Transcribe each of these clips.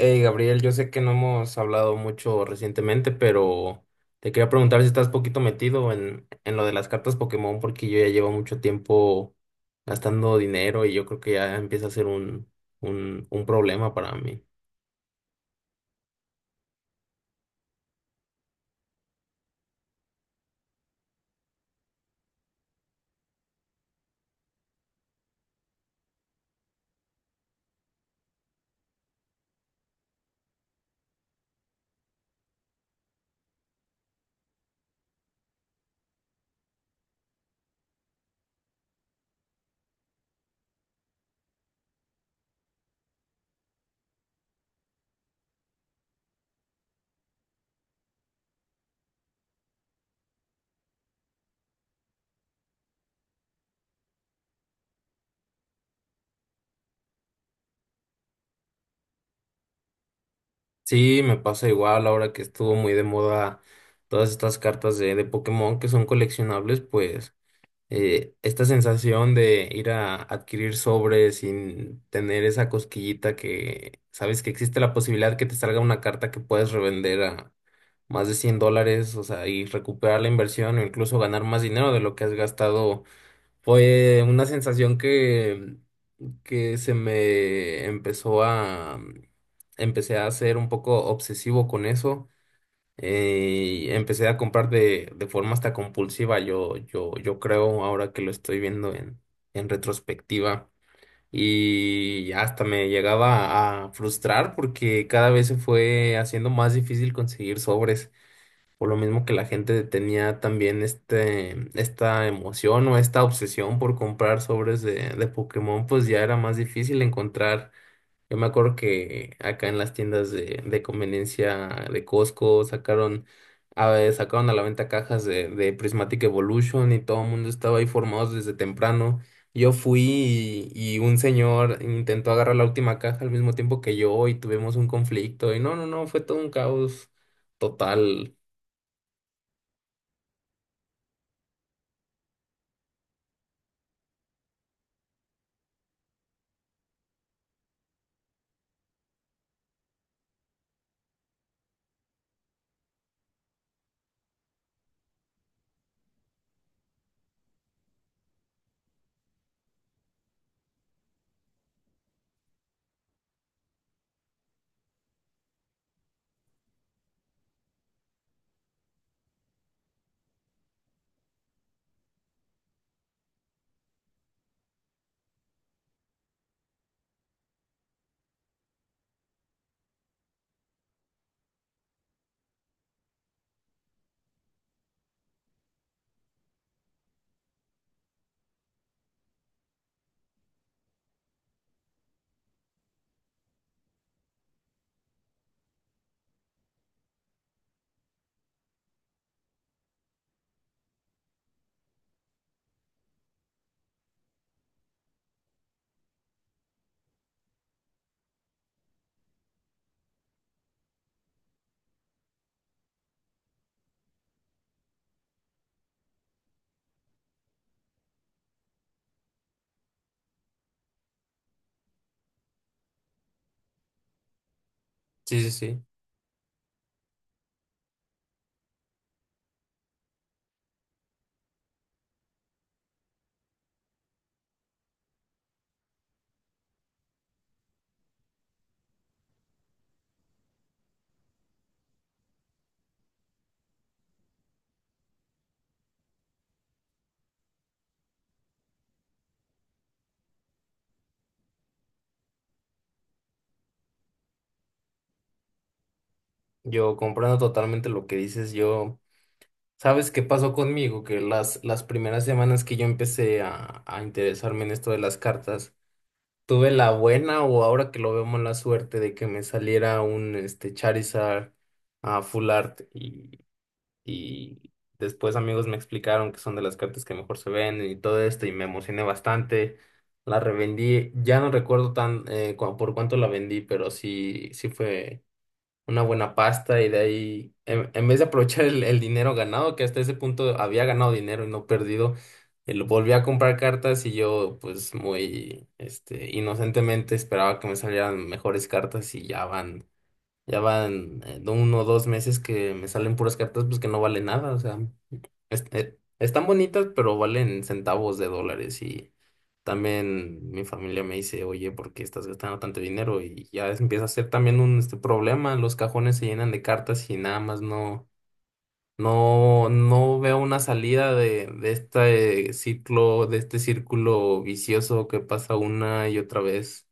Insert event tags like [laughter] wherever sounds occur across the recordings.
Hey Gabriel, yo sé que no hemos hablado mucho recientemente, pero te quería preguntar si estás poquito metido en lo de las cartas Pokémon, porque yo ya llevo mucho tiempo gastando dinero y yo creo que ya empieza a ser un problema para mí. Sí, me pasa igual ahora que estuvo muy de moda todas estas cartas de Pokémon que son coleccionables, pues esta sensación de ir a adquirir sobres sin tener esa cosquillita que sabes que existe la posibilidad que te salga una carta que puedes revender a más de $100, o sea, y recuperar la inversión o incluso ganar más dinero de lo que has gastado, fue una sensación que se me empezó a, empecé a ser un poco obsesivo con eso, y empecé a comprar de forma hasta compulsiva, yo creo ahora que lo estoy viendo en retrospectiva. Y hasta me llegaba a frustrar porque cada vez se fue haciendo más difícil conseguir sobres, por lo mismo que la gente tenía también este, esta emoción o esta obsesión por comprar sobres de Pokémon, pues ya era más difícil encontrar. Yo me acuerdo que acá en las tiendas de conveniencia de Costco sacaron a, ver, sacaron a la venta cajas de Prismatic Evolution y todo el mundo estaba ahí formados desde temprano. Yo fui y un señor intentó agarrar la última caja al mismo tiempo que yo y tuvimos un conflicto y no, fue todo un caos total. Sí, sí, sí. Yo comprendo totalmente lo que dices. Yo, ¿sabes qué pasó conmigo? Que las primeras semanas que yo empecé a interesarme en esto de las cartas, tuve la buena o ahora que lo vemos la suerte de que me saliera un este Charizard a full art, y después amigos me explicaron que son de las cartas que mejor se ven y todo esto y me emocioné bastante. La revendí, ya no recuerdo tan por cuánto la vendí, pero sí, sí fue una buena pasta, y de ahí, en vez de aprovechar el dinero ganado, que hasta ese punto había ganado dinero y no perdido, lo volví a comprar cartas, y yo pues muy este, inocentemente esperaba que me salieran mejores cartas, y ya van de uno o dos meses que me salen puras cartas pues que no vale nada, o sea. Es- están bonitas, pero valen centavos de dólares. Y también mi familia me dice, oye, ¿por qué estás gastando tanto dinero? Y ya es- empieza a ser también un este, problema. Los cajones se llenan de cartas y nada más no veo una salida de este ciclo, de este círculo vicioso que pasa una y otra vez.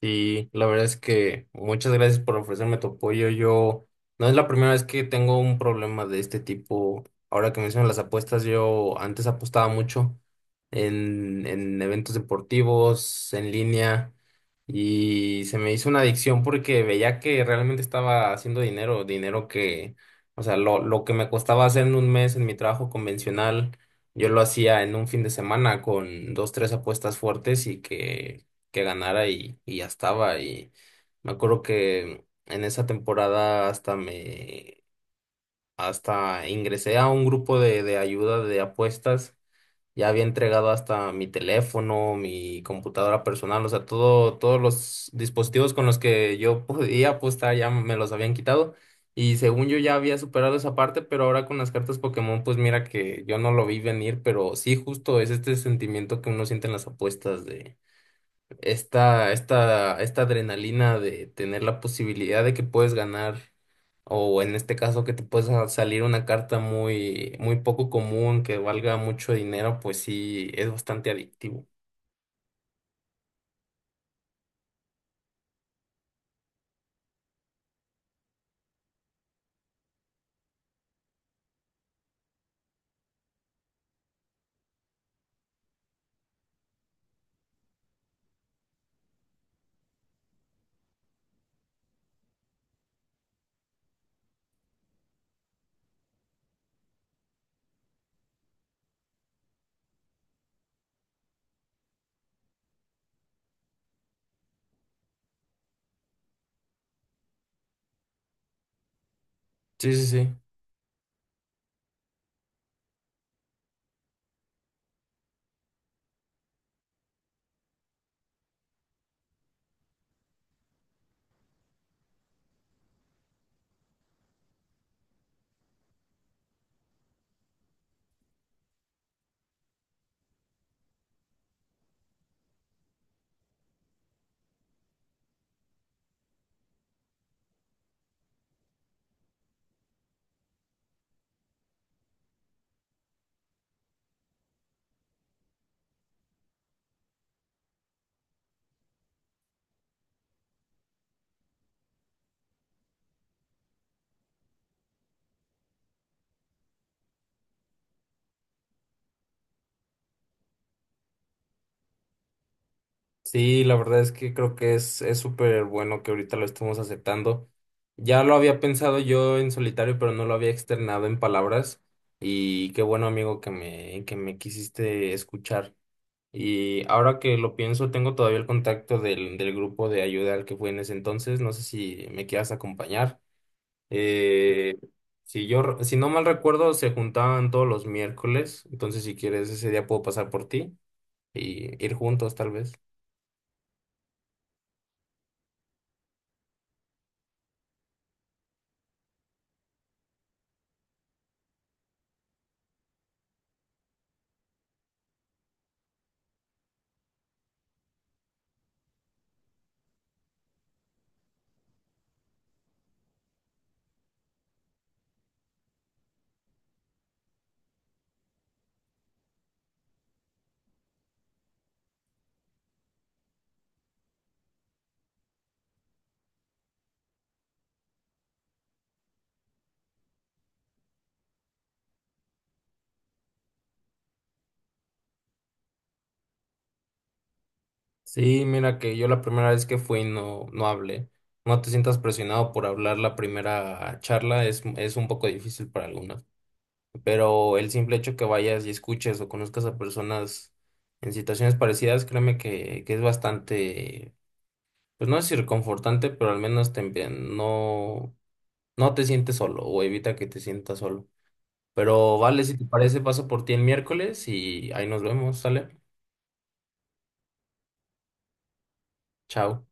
Sí, la verdad es que muchas gracias por ofrecerme tu apoyo. Yo no es la primera vez que tengo un problema de este tipo. Ahora que mencionas las apuestas, yo antes apostaba mucho en eventos deportivos, en línea, y se me hizo una adicción porque veía que realmente estaba haciendo dinero, dinero o sea, lo que me costaba hacer en un mes en mi trabajo convencional, yo lo hacía en un fin de semana con dos, tres apuestas fuertes y que ganara y ya estaba. Y me acuerdo que en esa temporada hasta me, hasta ingresé a un grupo de ayuda de apuestas. Ya había entregado hasta mi teléfono, mi computadora personal, o sea, todo, todos los dispositivos con los que yo [laughs] podía apostar ya me los habían quitado. Y según yo ya había superado esa parte, pero ahora con las cartas Pokémon, pues mira que yo no lo vi venir, pero sí justo es este sentimiento que uno siente en las apuestas de esta adrenalina de tener la posibilidad de que puedes ganar, o en este caso que te puedes salir una carta muy, muy poco común, que valga mucho dinero, pues sí, es bastante adictivo. Sí, sí, sí. Sí, la verdad es que creo que es súper bueno que ahorita lo estemos aceptando. Ya lo había pensado yo en solitario, pero no lo había externado en palabras. Y qué bueno, amigo, que me quisiste escuchar. Y ahora que lo pienso, tengo todavía el contacto del grupo de ayuda al que fui en ese entonces. No sé si me quieras acompañar. Eh, si yo, re- si no mal recuerdo, se juntaban todos los miércoles. Entonces, si quieres, ese día puedo pasar por ti y ir juntos, tal vez. Sí, mira que yo la primera vez que fui no hablé. No te sientas presionado por hablar la primera charla. Es un poco difícil para algunos, pero el simple hecho que vayas y escuches o conozcas a personas en situaciones parecidas, créeme que es bastante, pues no es reconfortante, pero al menos te, empie- no, no te sientes solo o evita que te sientas solo. Pero vale, si te parece, paso por ti el miércoles y ahí nos vemos, ¿sale? Chao.